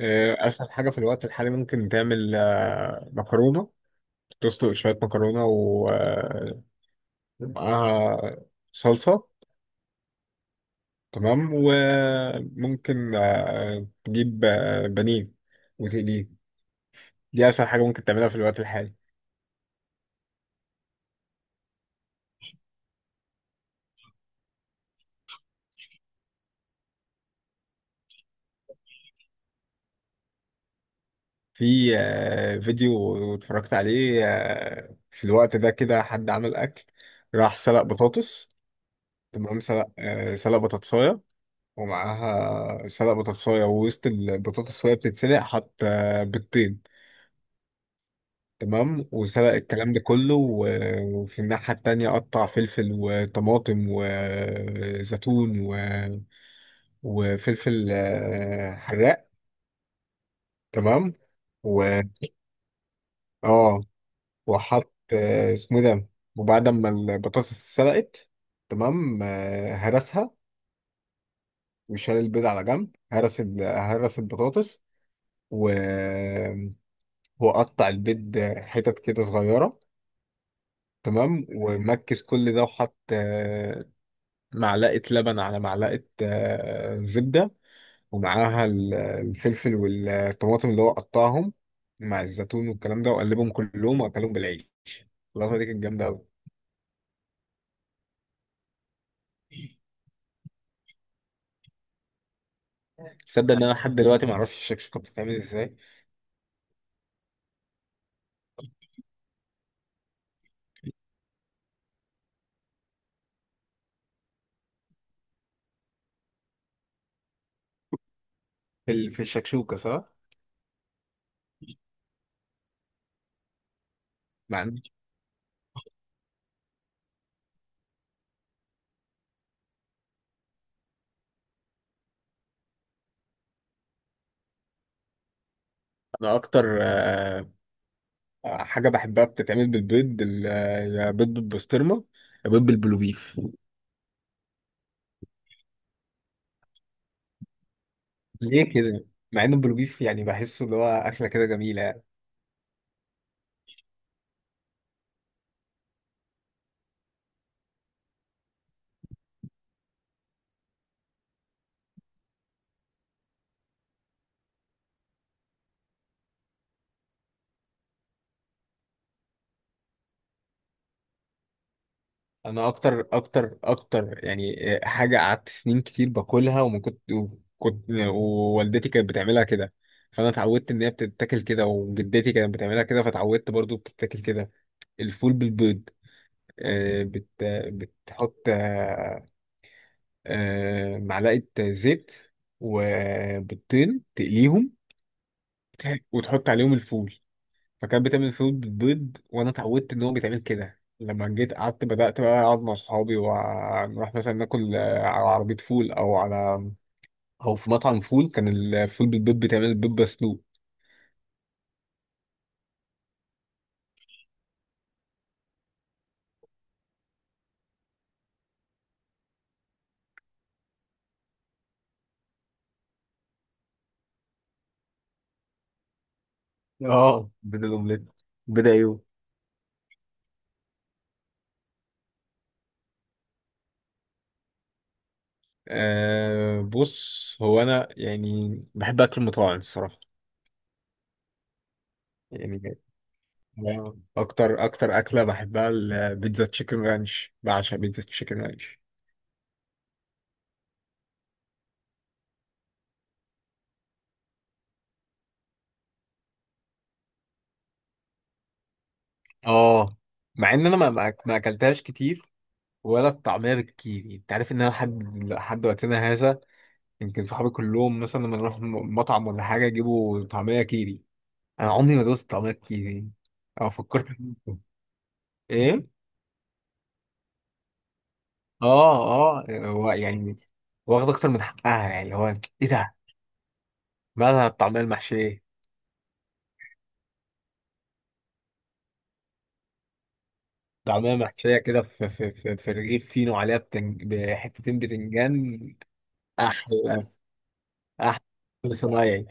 اسهل حاجه في الوقت الحالي ممكن تعمل مكرونه. تسلق شويه مكرونه ومعاها صلصه. تمام، وممكن تجيب بانيه وتقليه. دي اسهل حاجه ممكن تعملها في الوقت الحالي. في فيديو اتفرجت عليه في الوقت ده كده حد عمل اكل، راح سلق بطاطس. تمام، سلق بطاطسايه، ومعاها سلق بطاطساية، ووسط البطاطس وهي بتتسلق حط بيضتين. تمام، وسلق الكلام ده كله، و- وفي الناحية التانية قطع فلفل وطماطم وزيتون، و... وفلفل حراق. تمام، و اه وحط اسمه إيه ده، وبعد ما البطاطس اتسلقت، تمام، هرسها، وشال البيض على جنب، هرس البطاطس، و وقطع البيض حتت كده صغيرة. تمام، ومكس كل ده وحط معلقة لبن على معلقة زبدة، ومعاها الفلفل والطماطم اللي هو قطعهم، مع الزيتون والكلام ده، وقلبهم كلهم وأكلهم بالعيش. اللقطة دي كانت جامدة أوي. تصدق إن أنا لحد دلوقتي معرفش الشكشوكة بتتعمل إزاي؟ في الشكشوكة، صح؟ مع إن أنا أكتر حاجة بحبها بتتعمل بالبيض، يا بيض بالبسطرمة يا بيض بالبلوبيف. ليه كده؟ مع ان البلوبيف يعني بحسه اللي هو اكله كده جميله يعني. انا اكتر اكتر اكتر يعني حاجه قعدت سنين كتير باكلها، وما كنت وكنت ووالدتي كانت بتعملها كده، فانا اتعودت ان هي بتتاكل كده، وجدتي كانت بتعملها كده فاتعودت برضو بتتاكل كده. الفول بالبيض، آه، بت بتحط معلقه زيت وبيضتين تقليهم وتحط عليهم الفول. فكان بيتعمل فول بالبيض وانا اتعودت ان هو بيتعمل كده. لما جيت قعدت بدأت بقى اقعد مع صحابي ونروح مثلا ناكل على عربية فول او في مطعم فول، كان الفول بالبيض بيتعمل بيض مسلوق. اه، بدل الاومليت بيض عيون. أه بص، هو انا يعني بحب اكل المطاعم الصراحة. يعني أنا اكتر اكلة بحبها البيتزا تشيكن رانش، بعشق بيتزا تشيكن رانش. اه، مع ان انا ما اكلتهاش كتير، ولا الطعمية بالكيري. انت عارف ان انا لحد وقتنا هذا، يمكن صحابي كلهم مثلا لما نروح مطعم ولا حاجة يجيبوا طعمية كيري، انا عمري ما دوست طعمية كيري او فكرت إن أدوق. ايه؟ اه، اه هو يعني واخد اكتر من حقها يعني هو. ايه ده، مالها الطعمية المحشية؟ طعمية محشية كده في رغيف فينو، عليها بحتتين بتنجان. احلى. احلى. صنايعي.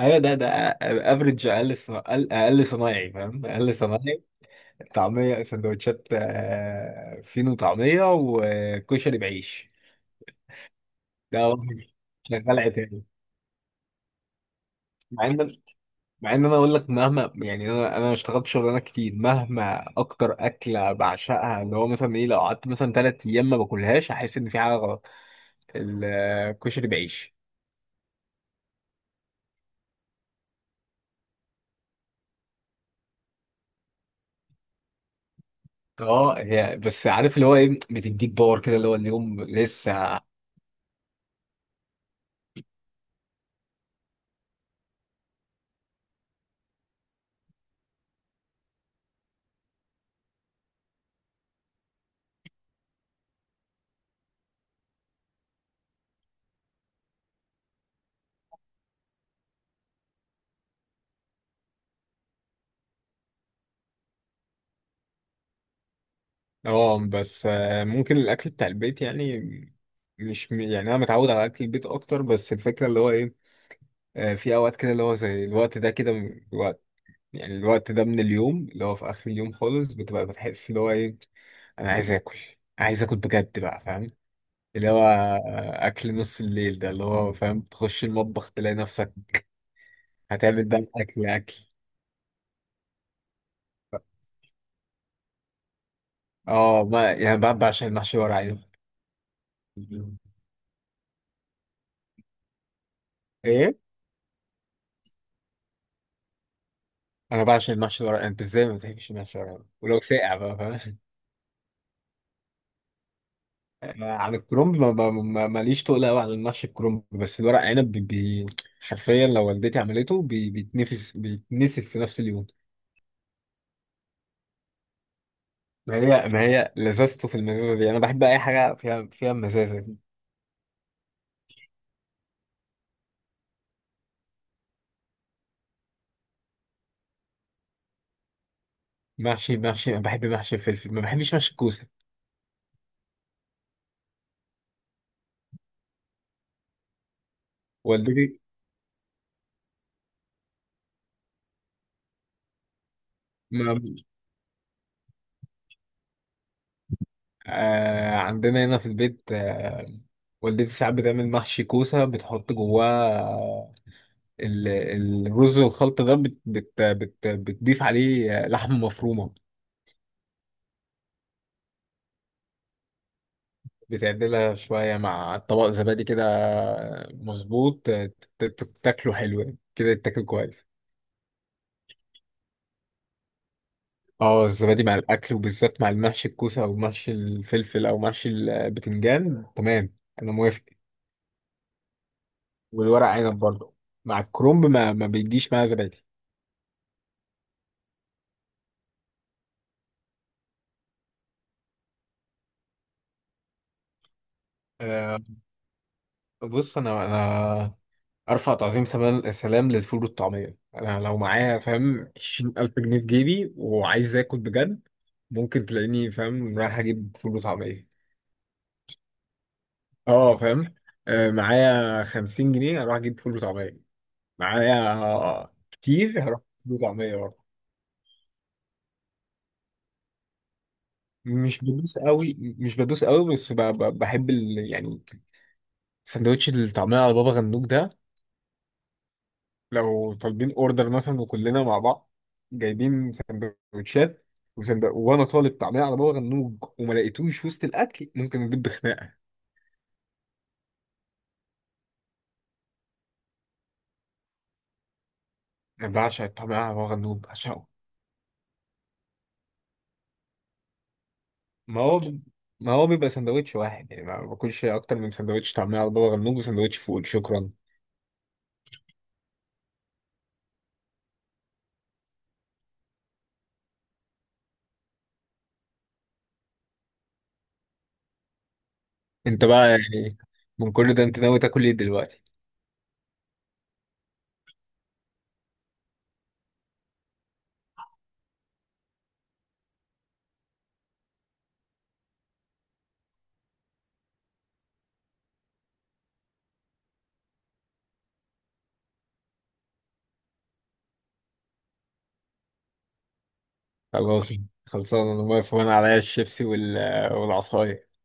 ايوه، ده افريج، اقل ص- اقل أقل صنايعي فاهم، اقل صنايعي. طعمية سندوتشات فينو، طعمية وكشري بعيش. ده وجبي، شغال عتاني. مع ان مع ان انا اقول لك، مهما يعني، انا اشتغلت شغلانات كتير، مهما اكتر اكله بعشقها اللي هو مثلا ايه، لو قعدت مثلا 3 ايام ما باكلهاش احس ان في حاجه غلط. الكشري بعيش. اه هي بس، عارف اللي هو ايه، بتديك باور كده اللي هو اليوم لسه. اه بس ممكن الاكل بتاع البيت يعني. مش يعني انا متعود على اكل البيت اكتر، بس الفكره اللي هو ايه، في اوقات كده اللي هو زي الوقت ده كده، من الوقت يعني، الوقت ده من اليوم اللي هو في اخر اليوم خالص بتبقى بتحس اللي هو ايه، انا عايز اكل، عايز اكل بجد بقى فاهم، اللي هو اكل نص الليل ده اللي هو فاهم، تخش المطبخ تلاقي نفسك هتعمل بقى اكل اكل. اه، ما يعني بقى بعشق المحشي ورق عنب. ايه؟ انا بعشق المحشي ورق، انت ازاي ما بتحبش المحشي ورق عنب؟ ولو ساقع بقى فاهم. عن الكرنب، ماليش تقل قوي عن المحشي الكرنب، بس الورق عنب حرفيا لو والدتي عملته بي بيتنفس بيتنسف في نفس اليوم. ما هي لذته في المزازه دي، انا بحب اي حاجه فيها مزازه دي. محشي انا بحب محشي الفلفل، ما بحبش محشي الكوسه. والدتي، ما، عندنا هنا في البيت، والدتي ساعات بتعمل محشي كوسه، بتحط جواه ال- الرز الخلط ده، بت بت بت بتضيف عليه لحمه مفرومه، بتعدلها شوية مع طبق زبادي كده مظبوط، تاكله حلو يعني. كده يتاكل كويس. اه الزبادي مع الأكل، وبالذات مع المحشي الكوسة أو محشي الفلفل أو محشي البتنجان، تمام، أنا موافق. والورق عنب برضه مع الكرنب ما بيجيش مع زبادي. أه بص، أنا أرفع تعظيم سلام سلام للفول والطعمية. أنا لو معايا فاهم 20,000 جنيه في جيبي وعايز آكل بجد، ممكن تلاقيني فاهم رايح أجيب فول وطعمية. اه فاهم، معايا 50 جنيه هروح اجيب فول وطعميه، معايا كتير هروح أجيب فول وطعميه برضه. مش بدوس قوي، مش بدوس قوي، بس بحب يعني سندوتش الطعميه على بابا غنوج ده. لو طالبين اوردر مثلا وكلنا مع بعض، جايبين سندوتشات، وانا طالب طعميه على بابا غنوج وما لقيتوش وسط الاكل، ممكن اجيب بخناقه. انا بعشق الطعميه على بابا غنوج، بعشقه. ما هو ب- ما هو بيبقى سندوتش واحد يعني، ما باكلش اكتر من سندوتش طعميه على بابا غنوج وسندوتش فول شكرا. انت بقى يعني من كل ده انت ناوي تاكل ايه دلوقتي؟ خلاص، خلصان، انا واقف وانا عليا الشيبسي وال- والعصايه.